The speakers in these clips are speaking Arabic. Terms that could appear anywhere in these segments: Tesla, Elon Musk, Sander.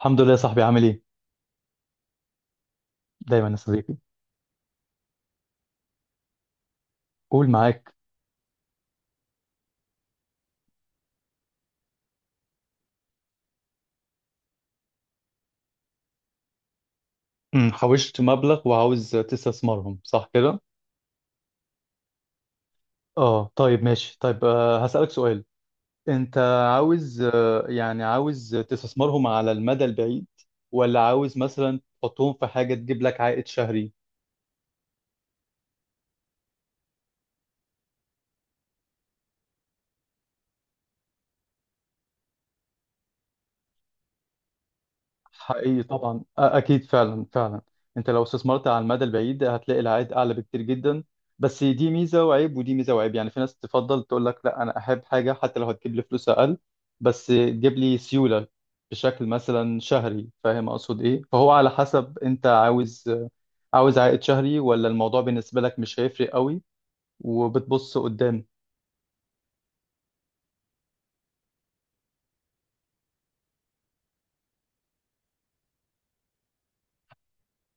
الحمد لله يا صاحبي، عامل ايه؟ دايما يا صديقي. قول معاك. حوشت مبلغ وعاوز تستثمرهم، صح كده؟ اه، طيب ماشي. طيب، هسألك سؤال. انت عاوز، يعني عاوز تستثمرهم على المدى البعيد، ولا عاوز مثلا تحطهم في حاجة تجيب لك عائد شهري؟ حقيقي طبعا. اكيد، فعلا فعلا. انت لو استثمرت على المدى البعيد هتلاقي العائد اعلى بكتير جدا. بس دي ميزه وعيب، ودي ميزه وعيب. يعني في ناس تفضل تقول لك لا، انا احب حاجه حتى لو هتجيب لي فلوس اقل بس تجيب لي سيوله بشكل مثلا شهري. فاهم اقصد ايه؟ فهو على حسب انت عاوز عائد شهري، ولا الموضوع بالنسبه لك مش هيفرق قوي وبتبص قدام؟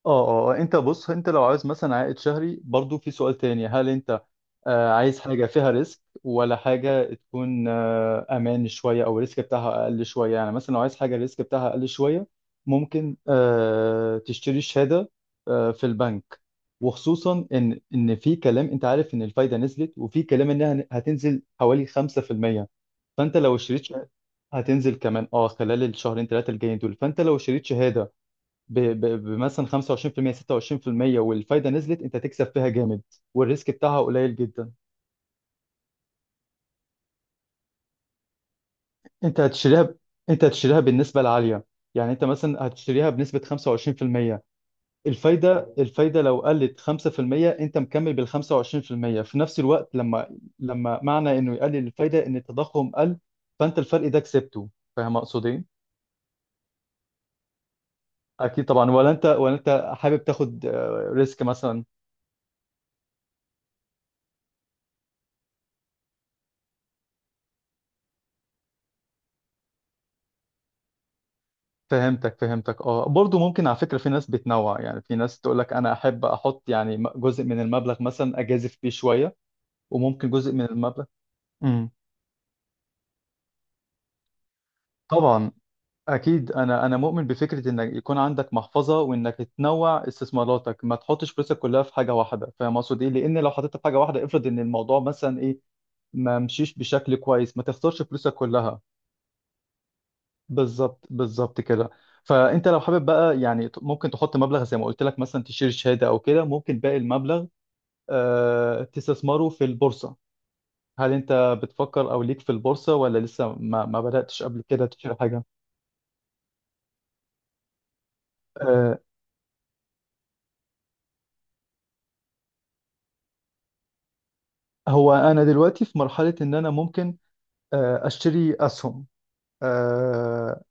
اه، اه، آه. انت بص، انت لو عايز مثلا عائد شهري برضو في سؤال تاني. هل انت عايز حاجة فيها ريسك، ولا حاجة تكون امان شوية او الريسك بتاعها اقل شوية؟ يعني مثلا لو عايز حاجة الريسك بتاعها اقل شوية ممكن تشتري شهادة في البنك. وخصوصا ان في كلام، انت عارف، ان الفايدة نزلت، وفي كلام انها هتنزل حوالي 5%. فانت لو اشتريت شهادة هتنزل كمان خلال الشهرين ثلاثة الجايين دول. فانت لو شريت شهادة بمثلا 25%، 26%، والفايده نزلت، انت تكسب فيها جامد، والريسك بتاعها قليل جدا. انت هتشتريها ب... انت هتشتريها بالنسبه العاليه. يعني انت مثلا هتشتريها بنسبه 25%. الفايده لو قلت 5%، انت مكمل بال 25% في المية. في نفس الوقت لما معنى انه يقلل الفايده ان التضخم قل. فانت الفرق ده كسبته. فاهم اقصد ايه؟ اكيد طبعا. ولا انت حابب تاخد ريسك مثلا؟ فهمتك فهمتك. اه، برضو ممكن على فكرة في ناس بتنوع. يعني في ناس تقول لك انا احب احط يعني جزء من المبلغ مثلا اجازف بيه شوية، وممكن جزء من المبلغ. امم طبعا، اكيد. انا مؤمن بفكرة انك يكون عندك محفظة وانك تنوع استثماراتك، ما تحطش فلوسك كلها في حاجة واحدة. فاهم اقصد ايه؟ لان لو حطيتها في حاجة واحدة، افرض ان الموضوع مثلا ايه، ما مشيش بشكل كويس، ما تخسرش فلوسك كلها. بالظبط، بالظبط كده. فانت لو حابب بقى، يعني ممكن تحط مبلغ زي ما قلت لك مثلا تشتري شهاده، او كده ممكن باقي المبلغ تستثمره في البورصه. هل انت بتفكر او ليك في البورصه، ولا لسه ما بداتش قبل كده تشتري حاجه؟ آه هو انا دلوقتي في مرحله ان انا ممكن اشتري اسهم، آه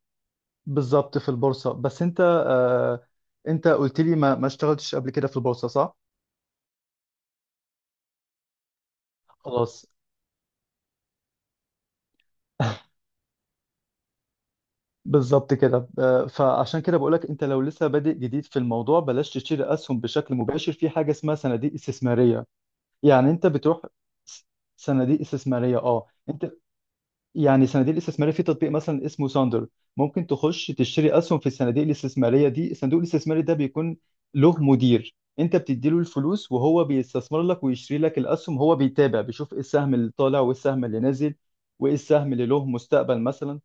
بالظبط في البورصه. بس انت، انت قلت لي ما اشتغلتش قبل كده في البورصه صح؟ خلاص. بالظبط كده، فعشان كده بقولك انت لو لسه بادئ جديد في الموضوع بلاش تشتري اسهم بشكل مباشر، في حاجه اسمها صناديق استثماريه. يعني انت بتروح، س- صناديق استثماريه. اه انت، يعني صناديق الاستثماريه في تطبيق مثلا اسمه ساندر، ممكن تخش تشتري اسهم في الصناديق الاستثماريه دي. الصندوق الاستثماري ده بيكون له مدير، انت بتديله الفلوس وهو بيستثمر لك ويشتري لك الاسهم. هو بيتابع، بيشوف ايه السهم اللي طالع وايه السهم اللي نازل وايه السهم اللي له مستقبل مثلا.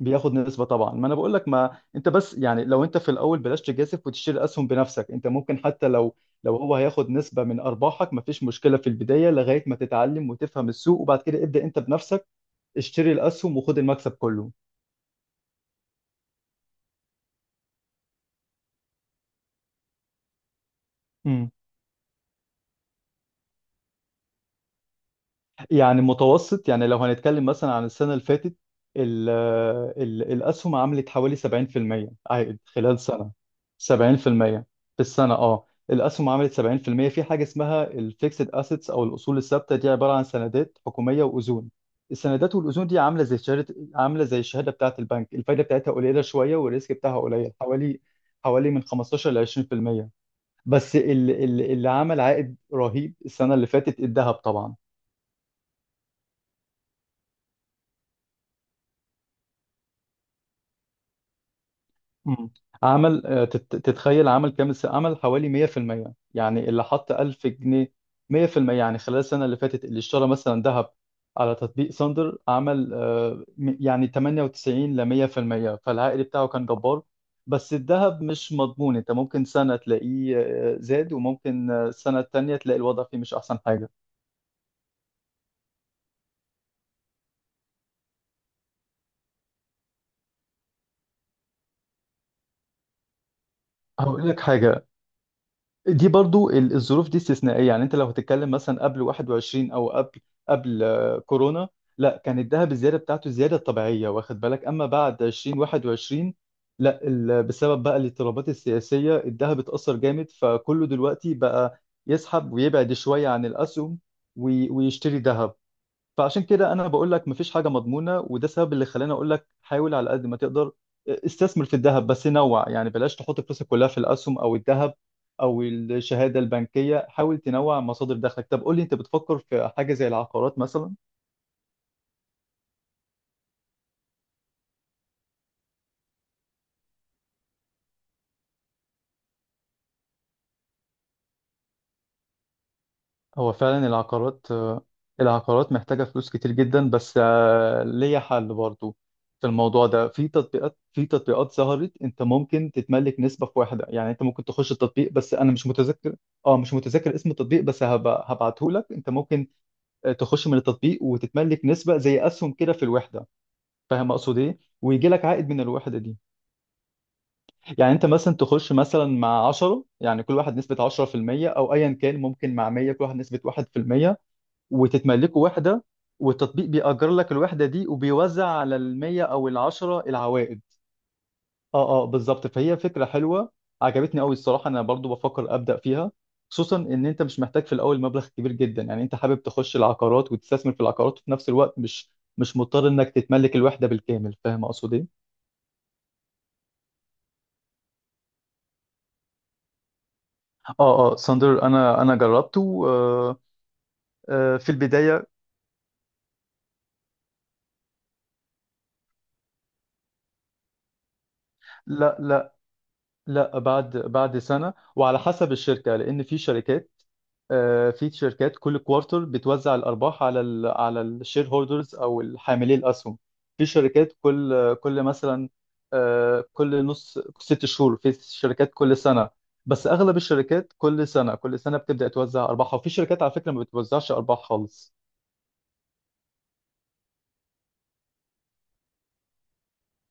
بياخد نسبة طبعا، ما انا بقول لك. ما انت بس، يعني لو انت في الاول بلاش تجازف وتشتري اسهم بنفسك. انت ممكن حتى لو هو هياخد نسبة من ارباحك مفيش مشكلة في البداية، لغاية ما تتعلم وتفهم السوق، وبعد كده ابدأ انت بنفسك، اشتري الاسهم وخد المكسب كله. يعني متوسط، يعني لو هنتكلم مثلا عن السنة اللي فاتت، ال ال الأسهم عملت حوالي 70% عائد خلال سنة. 70% في المية في السنة، الأسهم عملت 70% في المية. في حاجة اسمها الفيكسد أسيتس أو الأصول الثابتة، دي عبارة عن سندات حكومية وأذون. السندات والأذون دي عاملة زي الشهادة بتاعة البنك. الفايدة بتاعتها قليلة شوية، والريسك بتاعها قليل، حوالي من 15 ل 20%. بس اللي عمل عائد رهيب السنة اللي فاتت الذهب طبعا. مم. تتخيل عمل حوالي 100%. يعني اللي حط 1000 جنيه 100%، يعني خلال السنة اللي فاتت اللي اشترى مثلا ذهب على تطبيق ساندر عمل، يعني 98 ل 100%، فالعائد بتاعه كان جبار. بس الذهب مش مضمون، انت ممكن سنة تلاقيه زاد، وممكن السنة التانية تلاقي الوضع فيه مش احسن حاجة. هقول لك حاجة، دي برضو، الظروف دي استثنائية. يعني انت لو هتتكلم مثلا قبل 21، او قبل كورونا، لا، كان الذهب الزيادة بتاعته الزيادة الطبيعية، واخد بالك؟ اما بعد 20، 21، لا، بسبب بقى الاضطرابات السياسية الذهب اتأثر جامد، فكله دلوقتي بقى يسحب ويبعد شوية عن الأسهم ويشتري ذهب. فعشان كده انا بقول لك مفيش حاجه مضمونه، وده السبب اللي خلاني اقول لك حاول على قد ما تقدر استثمر في الذهب، بس نوع، يعني بلاش تحط فلوسك كلها في الاسهم او الذهب او الشهاده البنكيه، حاول تنوع مصادر دخلك. طب قول لي، انت بتفكر في حاجه زي العقارات مثلا؟ هو فعلا العقارات محتاجة فلوس كتير جدا، بس ليا حل برضو في الموضوع ده. في تطبيقات ظهرت. انت ممكن تتملك نسبة في واحدة، يعني انت ممكن تخش التطبيق، بس انا مش متذكر اسم التطبيق، بس هبعته لك. انت ممكن تخش من التطبيق وتتملك نسبة زي اسهم كده في الوحدة. فاهم اقصد ايه؟ ويجي لك عائد من الوحدة دي. يعني انت مثلا تخش مثلا مع 10، يعني كل واحد نسبة 10%، او ايا كان ممكن مع 100، كل واحد نسبة 1%، وتتملكوا وحدة، والتطبيق بيأجر لك الوحدة دي وبيوزع على المية أو العشرة العوائد. اه، اه، بالظبط. فهي فكرة حلوة، عجبتني قوي الصراحة. أنا برضو بفكر أبدأ فيها، خصوصا إن أنت مش محتاج في الأول مبلغ كبير جدا. يعني أنت حابب تخش العقارات وتستثمر في العقارات، وفي نفس الوقت مش مضطر إنك تتملك الوحدة بالكامل. فاهم أقصد إيه؟ اه، اه، ساندر، أنا جربته. في البداية. لا، لا، لا. بعد سنة، وعلى حسب الشركة، لأن في شركات كل كوارتر بتوزع الارباح على على الشير هولدرز او حاملي الاسهم. في شركات كل كل مثلا آه، كل نص ست شهور. في شركات كل سنه، بس اغلب الشركات كل سنه كل سنه بتبدا توزع ارباحها. وفي شركات على فكره ما بتوزعش ارباح خالص.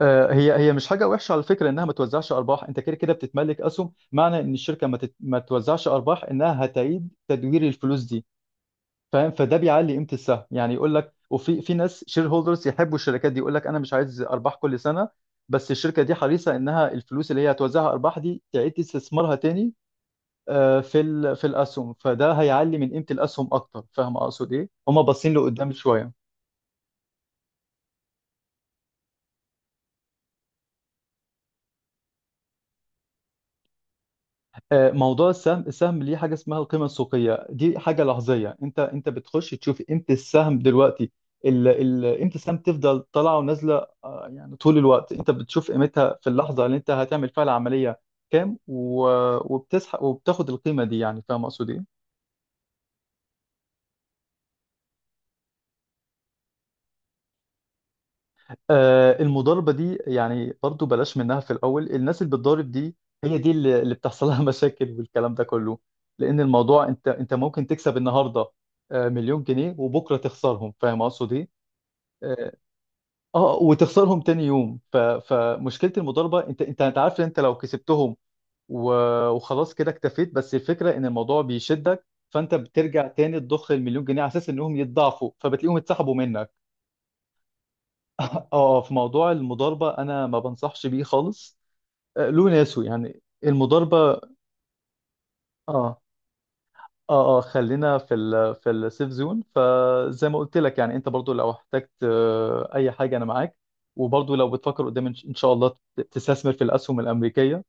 هي مش حاجه وحشه على فكره انها ما توزعش ارباح. انت كده كده بتتملك اسهم. معنى ان الشركه ما توزعش ارباح انها هتعيد تدوير الفلوس دي. فاهم؟ فده بيعلي قيمه السهم. يعني يقول لك، وفي ناس شير هولدرز يحبوا الشركات دي، يقول لك انا مش عايز ارباح كل سنه، بس الشركه دي حريصه انها الفلوس اللي هي هتوزعها ارباح دي تعيد استثمارها تاني في الاسهم، فده هيعلي من قيمه الاسهم اكتر. فاهم اقصد ايه؟ هم باصين لقدام شويه. موضوع السهم ليه حاجه اسمها القيمه السوقيه، دي حاجه لحظيه. انت بتخش تشوف امتى السهم دلوقتي، ال امتى السهم تفضل طالعه ونازله، يعني طول الوقت انت بتشوف قيمتها في اللحظه اللي انت هتعمل فيها العمليه كام، وبتسحب وبتاخد القيمه دي. يعني فاهم اقصد ايه؟ المضاربة دي يعني برضو بلاش منها في الأول، الناس اللي بتضارب دي هي دي اللي بتحصل لها مشاكل والكلام ده كله. لأن الموضوع، أنت ممكن تكسب النهاردة مليون جنيه، وبكرة تخسرهم. فاهم أقصد إيه؟ آه. وتخسرهم تاني يوم. فمشكلة المضاربة، أنت عارف إن أنت لو كسبتهم و... وخلاص كده اكتفيت، بس الفكرة إن الموضوع بيشدك، فأنت بترجع تاني تضخ المليون جنيه على أساس إنهم يتضاعفوا، فبتلاقيهم اتسحبوا منك. اه. في موضوع المضاربة انا ما بنصحش بيه خالص، له ناسه يعني المضاربة. اه، اه، اه. خلينا في السيف زون. فزي ما قلت لك، يعني انت برضو لو احتجت اي حاجة انا معاك. وبرضو لو بتفكر قدام ان إن شاء الله تستثمر في الاسهم الامريكية،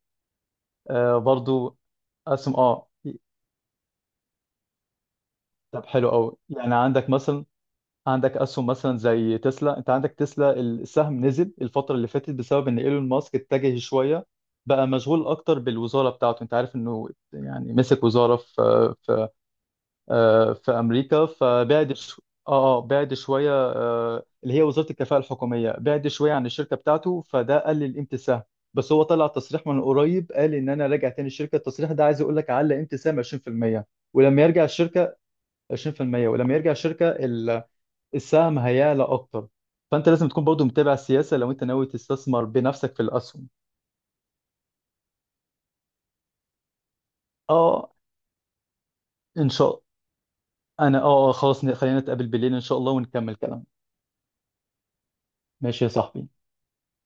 برضو اسهم. اه. طب حلو قوي، يعني عندك اسهم مثلا زي تسلا. انت عندك تسلا، السهم نزل الفتره اللي فاتت بسبب ان ايلون ماسك اتجه شويه، بقى مشغول اكتر بالوزاره بتاعته. انت عارف انه يعني مسك وزاره في امريكا، فبعد ش... اه آه، بعد شويه، اللي هي وزاره الكفاءه الحكوميه، بعد شويه عن الشركه بتاعته، فده قلل قيمه السهم. بس هو طلع تصريح من قريب، قال ان انا راجع تاني الشركه. التصريح ده عايز يقول لك علق قيمه السهم 20%، ولما يرجع الشركه. 20%، ولما يرجع الشركه السهم هيعلى اكتر. فانت لازم تكون برضو متابع السياسه لو انت ناوي تستثمر بنفسك في الاسهم. اه، ان شاء انا اه آه، خلاص، خلينا نتقابل بالليل ان شاء الله ونكمل كلام. ماشي يا صاحبي.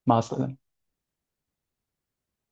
مع السلامه.